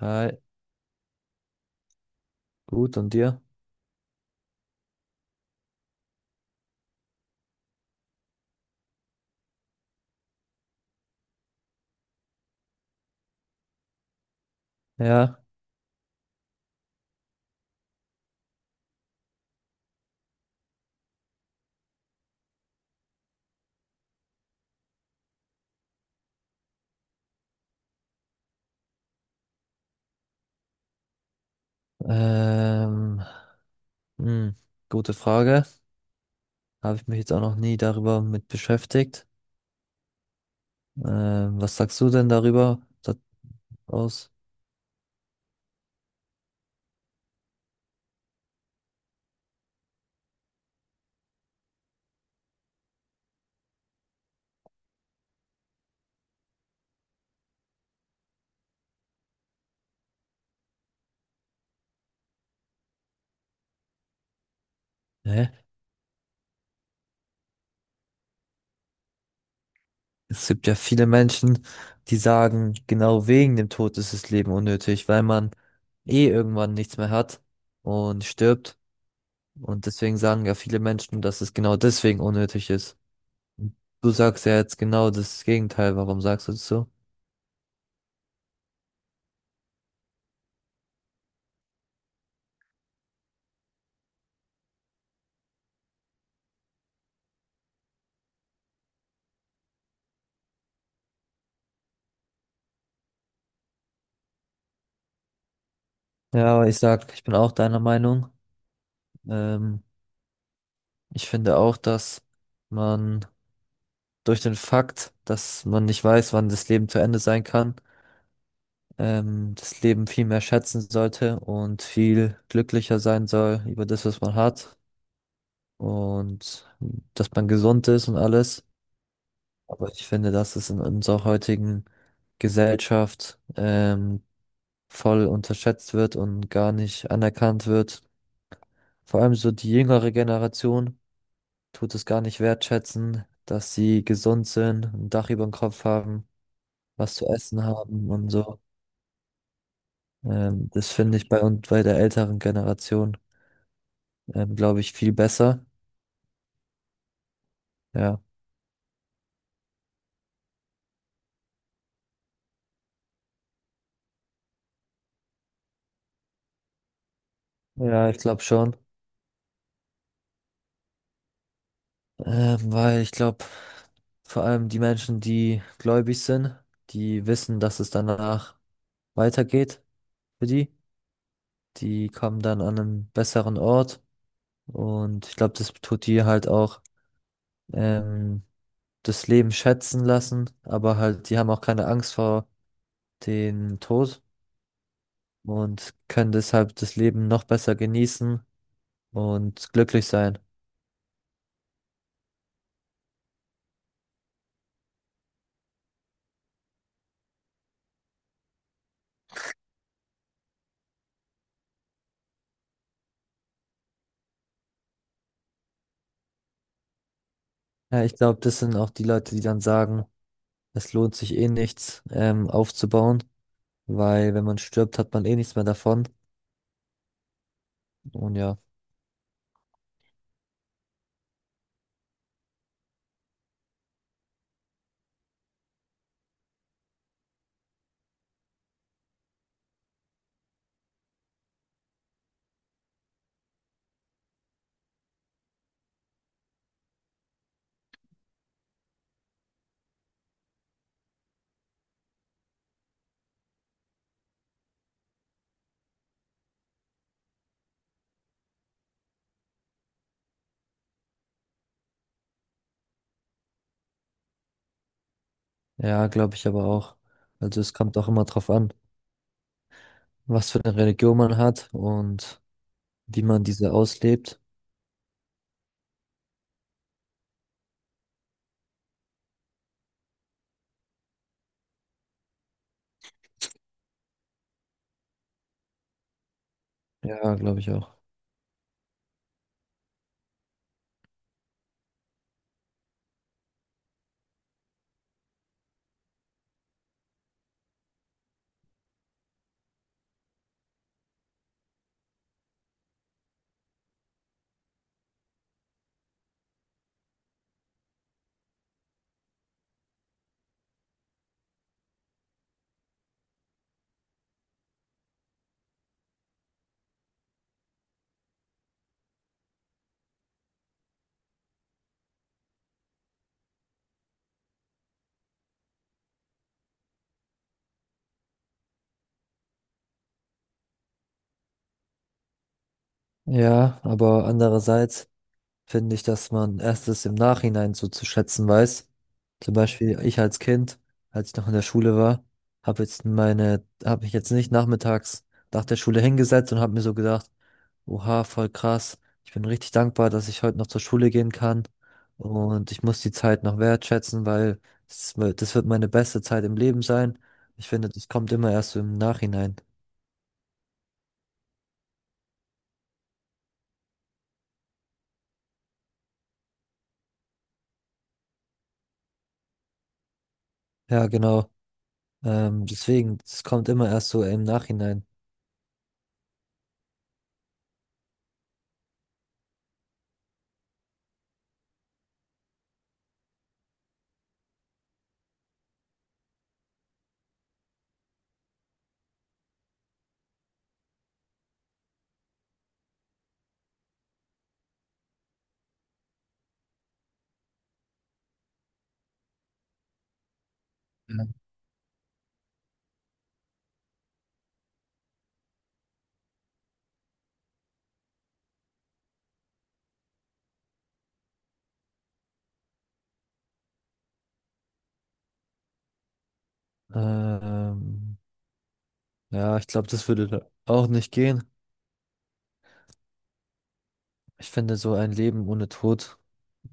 Hi, gut, und dir? Ja, ähm, hm, gute Frage. Habe ich mich jetzt auch noch nie darüber mit beschäftigt. Was sagst du denn darüber da aus? Hä? Es gibt ja viele Menschen, die sagen, genau wegen dem Tod ist das Leben unnötig, weil man eh irgendwann nichts mehr hat und stirbt. Und deswegen sagen ja viele Menschen, dass es genau deswegen unnötig ist. Du sagst ja jetzt genau das Gegenteil. Warum sagst du das so? Ja, aber ich sag, ich bin auch deiner Meinung. Ähm, Ich finde auch, dass man durch den Fakt, dass man nicht weiß, wann das Leben zu Ende sein kann, das Leben viel mehr schätzen sollte und viel glücklicher sein soll über das, was man hat und dass man gesund ist und alles. Aber ich finde, dass es in unserer heutigen Gesellschaft voll unterschätzt wird und gar nicht anerkannt wird. Vor allem so die jüngere Generation tut es gar nicht wertschätzen, dass sie gesund sind, ein Dach über dem Kopf haben, was zu essen haben und so. Das finde ich bei uns bei der älteren Generation, glaube ich, viel besser. Ja, ja, ich glaube schon, weil ich glaube, vor allem die Menschen, die gläubig sind, die wissen, dass es danach weitergeht für die. Die kommen dann an einen besseren Ort und ich glaube, das tut die halt auch. Ähm, Das Leben schätzen lassen, aber halt, die haben auch keine Angst vor dem Tod und können deshalb das Leben noch besser genießen und glücklich sein. Ja, ich glaube, das sind auch die Leute, die dann sagen, es lohnt sich eh nichts, aufzubauen, weil wenn man stirbt, hat man eh nichts mehr davon. Und ja, ja, glaube ich aber auch. Also es kommt auch immer drauf an, was für eine Religion man hat und wie man diese auslebt. Ja, glaube ich auch. Ja, aber andererseits finde ich, dass man erstes im Nachhinein so zu schätzen weiß. Zum Beispiel ich als Kind, als ich noch in der Schule war, habe jetzt meine, habe ich jetzt nicht nachmittags nach der Schule hingesetzt und habe mir so gedacht, oha, voll krass, ich bin richtig dankbar, dass ich heute noch zur Schule gehen kann und ich muss die Zeit noch wertschätzen, weil das wird meine beste Zeit im Leben sein. Ich finde, das kommt immer erst so im Nachhinein. Ja, genau. Deswegen, das kommt immer erst so im Nachhinein. Ähm, Ja, ich glaube, das würde da auch nicht gehen. Ich finde, so ein Leben ohne Tod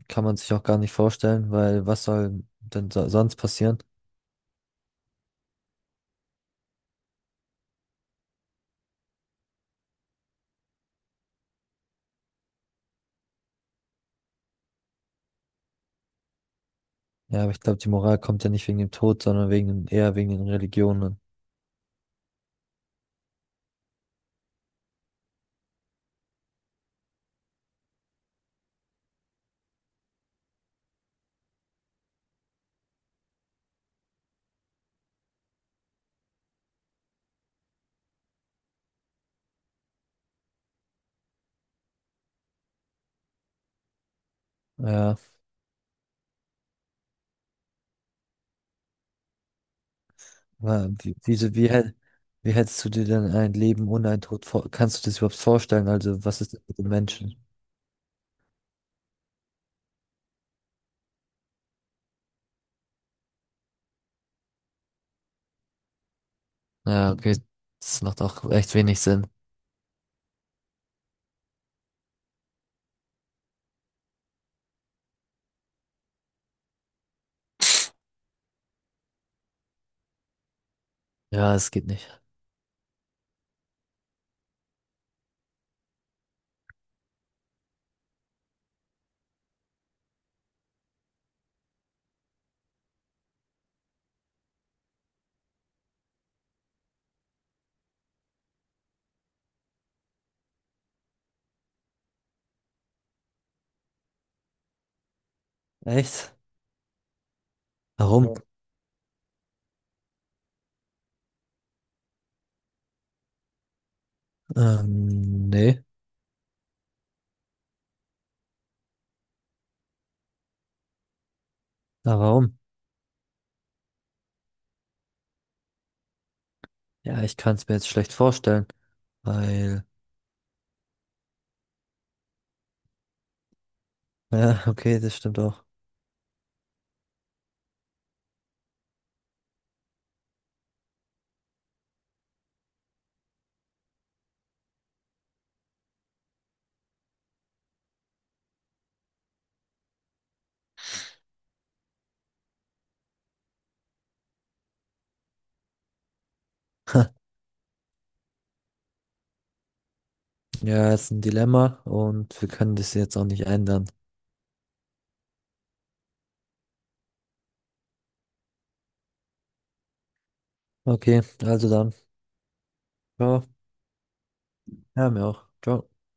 kann man sich auch gar nicht vorstellen, weil was soll denn so sonst passieren? Ja, aber ich glaube, die Moral kommt ja nicht wegen dem Tod, sondern wegen, eher wegen den Religionen. Ja, weil wie hättest du dir denn ein Leben ohne einen Tod vor, kannst du das überhaupt vorstellen? Also, was ist denn mit den Menschen? Ja, okay, das macht auch echt wenig Sinn. Ja, es geht nicht. Echt? Warum? Ja. Nee, aber warum? Ja, ich kann es mir jetzt schlecht vorstellen. Weil, ja, okay, das stimmt auch. Ja, ist ein Dilemma und wir können das jetzt auch nicht ändern. Okay, also dann. Ja, ja, mir auch. Ciao.